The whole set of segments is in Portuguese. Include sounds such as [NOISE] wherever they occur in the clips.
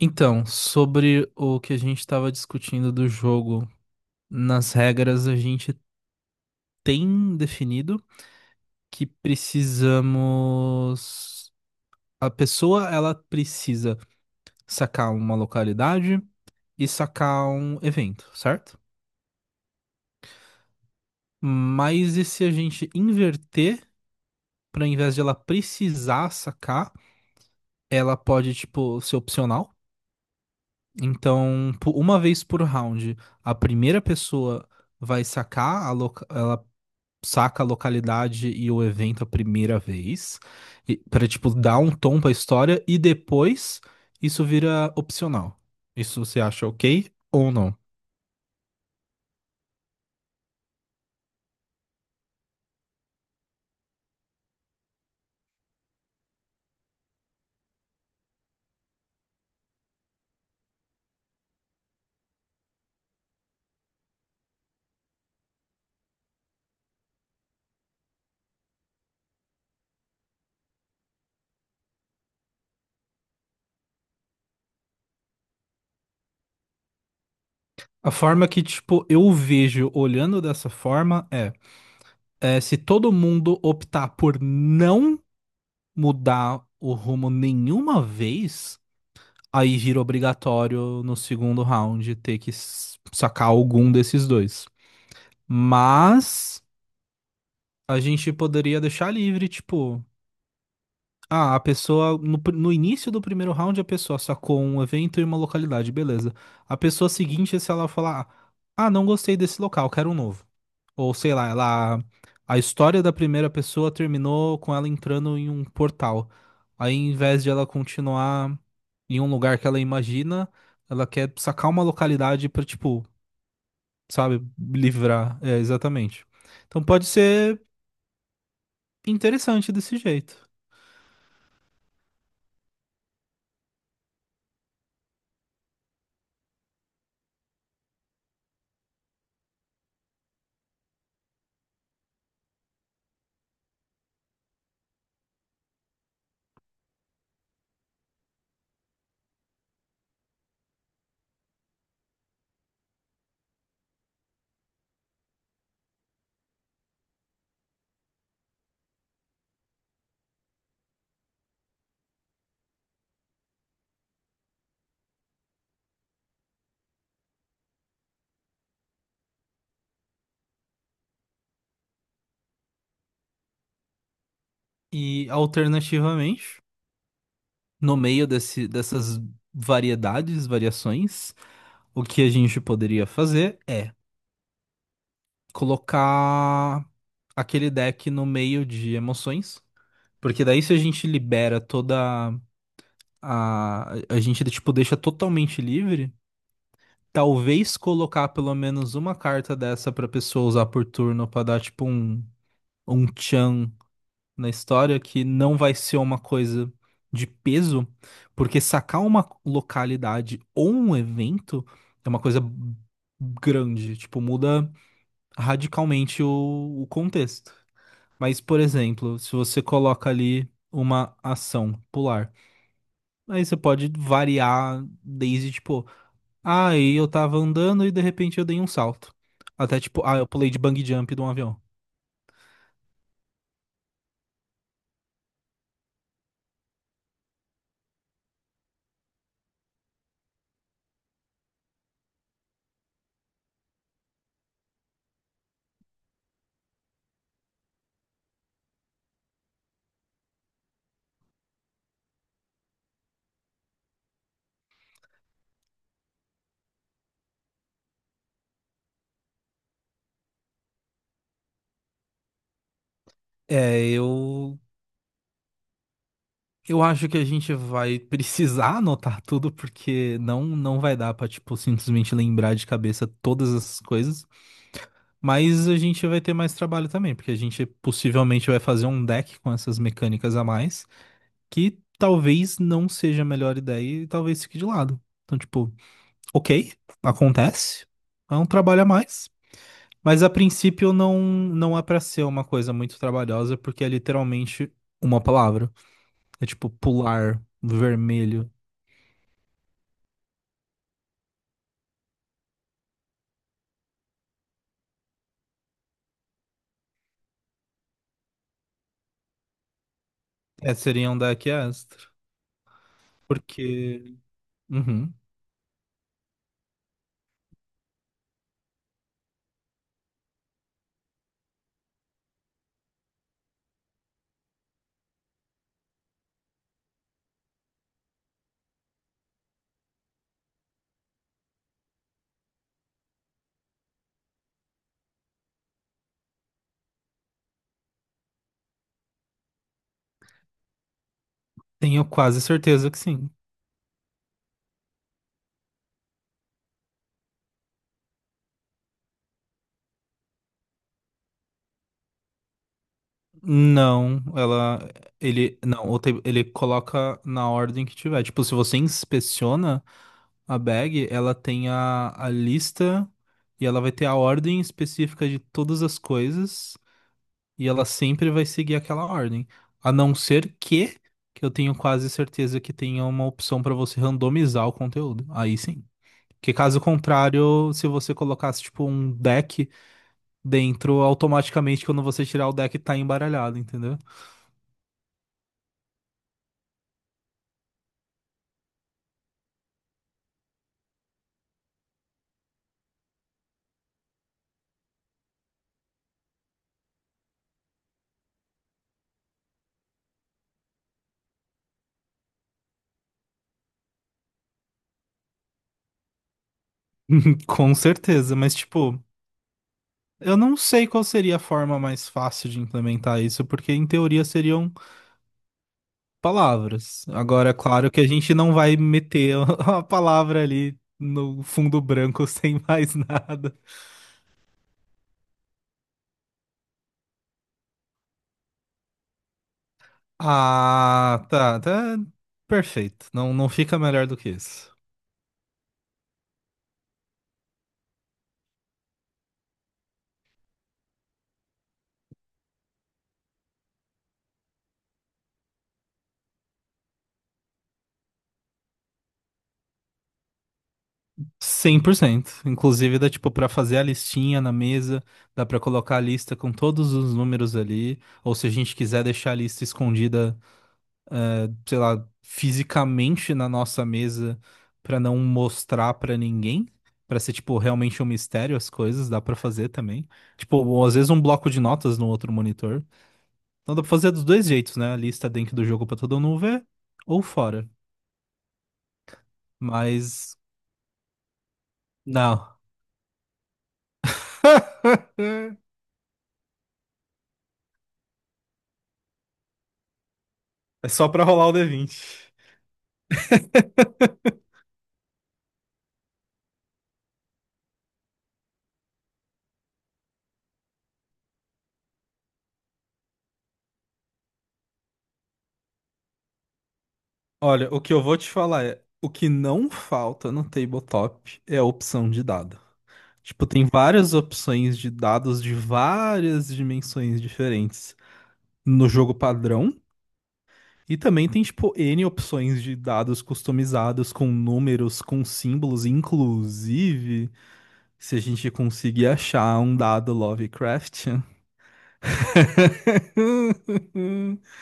Então, sobre o que a gente estava discutindo do jogo, nas regras a gente tem definido que precisamos. A pessoa ela precisa sacar uma localidade e sacar um evento, certo? Mas e se a gente inverter, para invés de ela precisar sacar, ela pode, tipo, ser opcional? Então, uma vez por round, a primeira pessoa vai sacar a, saca a localidade e o evento a primeira vez, para tipo, dar um tom pra história e depois isso vira opcional. Isso você acha ok ou não? A forma que, tipo, eu vejo olhando dessa forma é se todo mundo optar por não mudar o rumo nenhuma vez, aí vira obrigatório no segundo round ter que sacar algum desses dois. Mas a gente poderia deixar livre, tipo, ah, a pessoa, no, no início do primeiro round, a pessoa sacou um evento e uma localidade, beleza. A pessoa seguinte, se ela falar, ah, não gostei desse local, quero um novo. Ou sei lá, ela, a história da primeira pessoa terminou com ela entrando em um portal. Aí, em vez de ela continuar em um lugar que ela imagina, ela quer sacar uma localidade pra, tipo, sabe, livrar. É, exatamente. Então pode ser interessante desse jeito. E alternativamente, no meio dessas variações, o que a gente poderia fazer é colocar aquele deck no meio de emoções, porque daí se a gente libera toda a a gente tipo deixa totalmente livre, talvez colocar pelo menos uma carta dessa pra pessoa usar por turno pra dar tipo um tchan na história que não vai ser uma coisa de peso, porque sacar uma localidade ou um evento é uma coisa grande, tipo, muda radicalmente o contexto. Mas, por exemplo, se você coloca ali uma ação pular, aí você pode variar desde, tipo, ah, e eu tava andando e de repente eu dei um salto. Até tipo, ah, eu pulei de bungee jump de um avião. É, eu acho que a gente vai precisar [LAUGHS] anotar tudo, porque não vai dar pra, tipo, simplesmente lembrar de cabeça todas essas coisas. Mas a gente vai ter mais trabalho também, porque a gente possivelmente vai fazer um deck com essas mecânicas a mais, que talvez não seja a melhor ideia e talvez fique de lado. Então, tipo, ok, acontece, é um trabalho a mais. Mas a princípio não é pra ser uma coisa muito trabalhosa, porque é literalmente uma palavra. É tipo pular, vermelho. É, seriam da Astra. Porque. Uhum. Tenho quase certeza que sim. Não, ela. Ele. Não, ou ele coloca na ordem que tiver. Tipo, se você inspeciona a bag, ela tem a lista e ela vai ter a ordem específica de todas as coisas. E ela sempre vai seguir aquela ordem. A não ser que eu tenho quase certeza que tenha uma opção pra você randomizar o conteúdo. Aí sim. Que caso contrário, se você colocasse tipo um deck dentro, automaticamente quando você tirar o deck tá embaralhado, entendeu? [LAUGHS] Com certeza, mas tipo, eu não sei qual seria a forma mais fácil de implementar isso, porque em teoria seriam palavras. Agora, é claro que a gente não vai meter [LAUGHS] a palavra ali no fundo branco [LAUGHS] sem mais nada. Ah, tá perfeito. Não, não fica melhor do que isso. 100%. Inclusive, dá tipo pra fazer a listinha na mesa, dá pra colocar a lista com todos os números ali, ou se a gente quiser deixar a lista escondida, sei lá, fisicamente na nossa mesa pra não mostrar pra ninguém, pra ser tipo realmente um mistério as coisas, dá pra fazer também. Tipo, ou às vezes um bloco de notas no outro monitor. Então dá pra fazer dos dois jeitos, né? A lista dentro do jogo pra todo mundo ver ou fora. Mas não. [LAUGHS] É só pra rolar o D20. Olha, o que eu vou te falar é, o que não falta no tabletop é a opção de dado. Tipo, tem várias opções de dados de várias dimensões diferentes no jogo padrão. E também tem, tipo, N opções de dados customizados com números, com símbolos, inclusive, se a gente conseguir achar um dado Lovecraftian. [LAUGHS]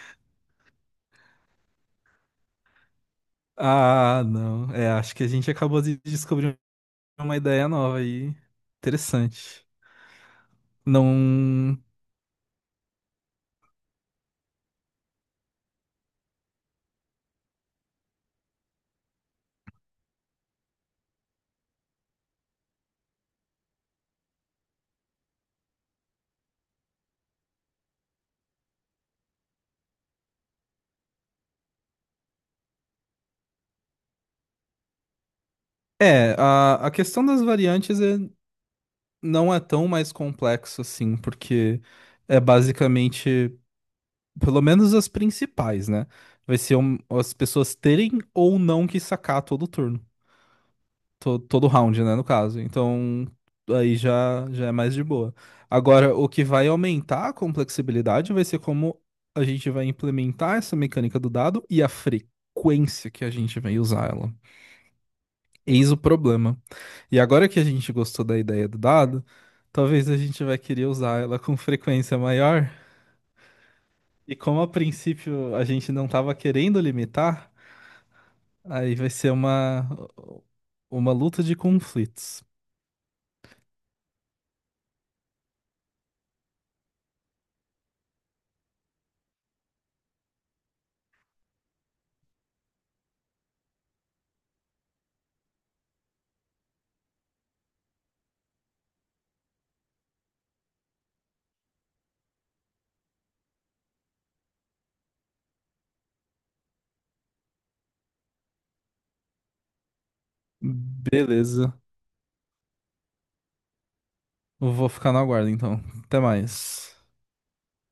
Ah, não. É, acho que a gente acabou de descobrir uma ideia nova aí. Interessante. Não. É, a questão das variantes é, não é tão mais complexo assim, porque é basicamente, pelo menos as principais, né? Vai ser as pessoas terem ou não que sacar todo turno, todo round, né, no caso. Então, aí já, já é mais de boa. Agora, o que vai aumentar a complexibilidade vai ser como a gente vai implementar essa mecânica do dado e a frequência que a gente vai usar ela. Eis o problema. E agora que a gente gostou da ideia do dado, talvez a gente vai querer usar ela com frequência maior. E como a princípio a gente não estava querendo limitar, aí vai ser uma luta de conflitos. Beleza. Eu vou ficar na guarda então. Até mais.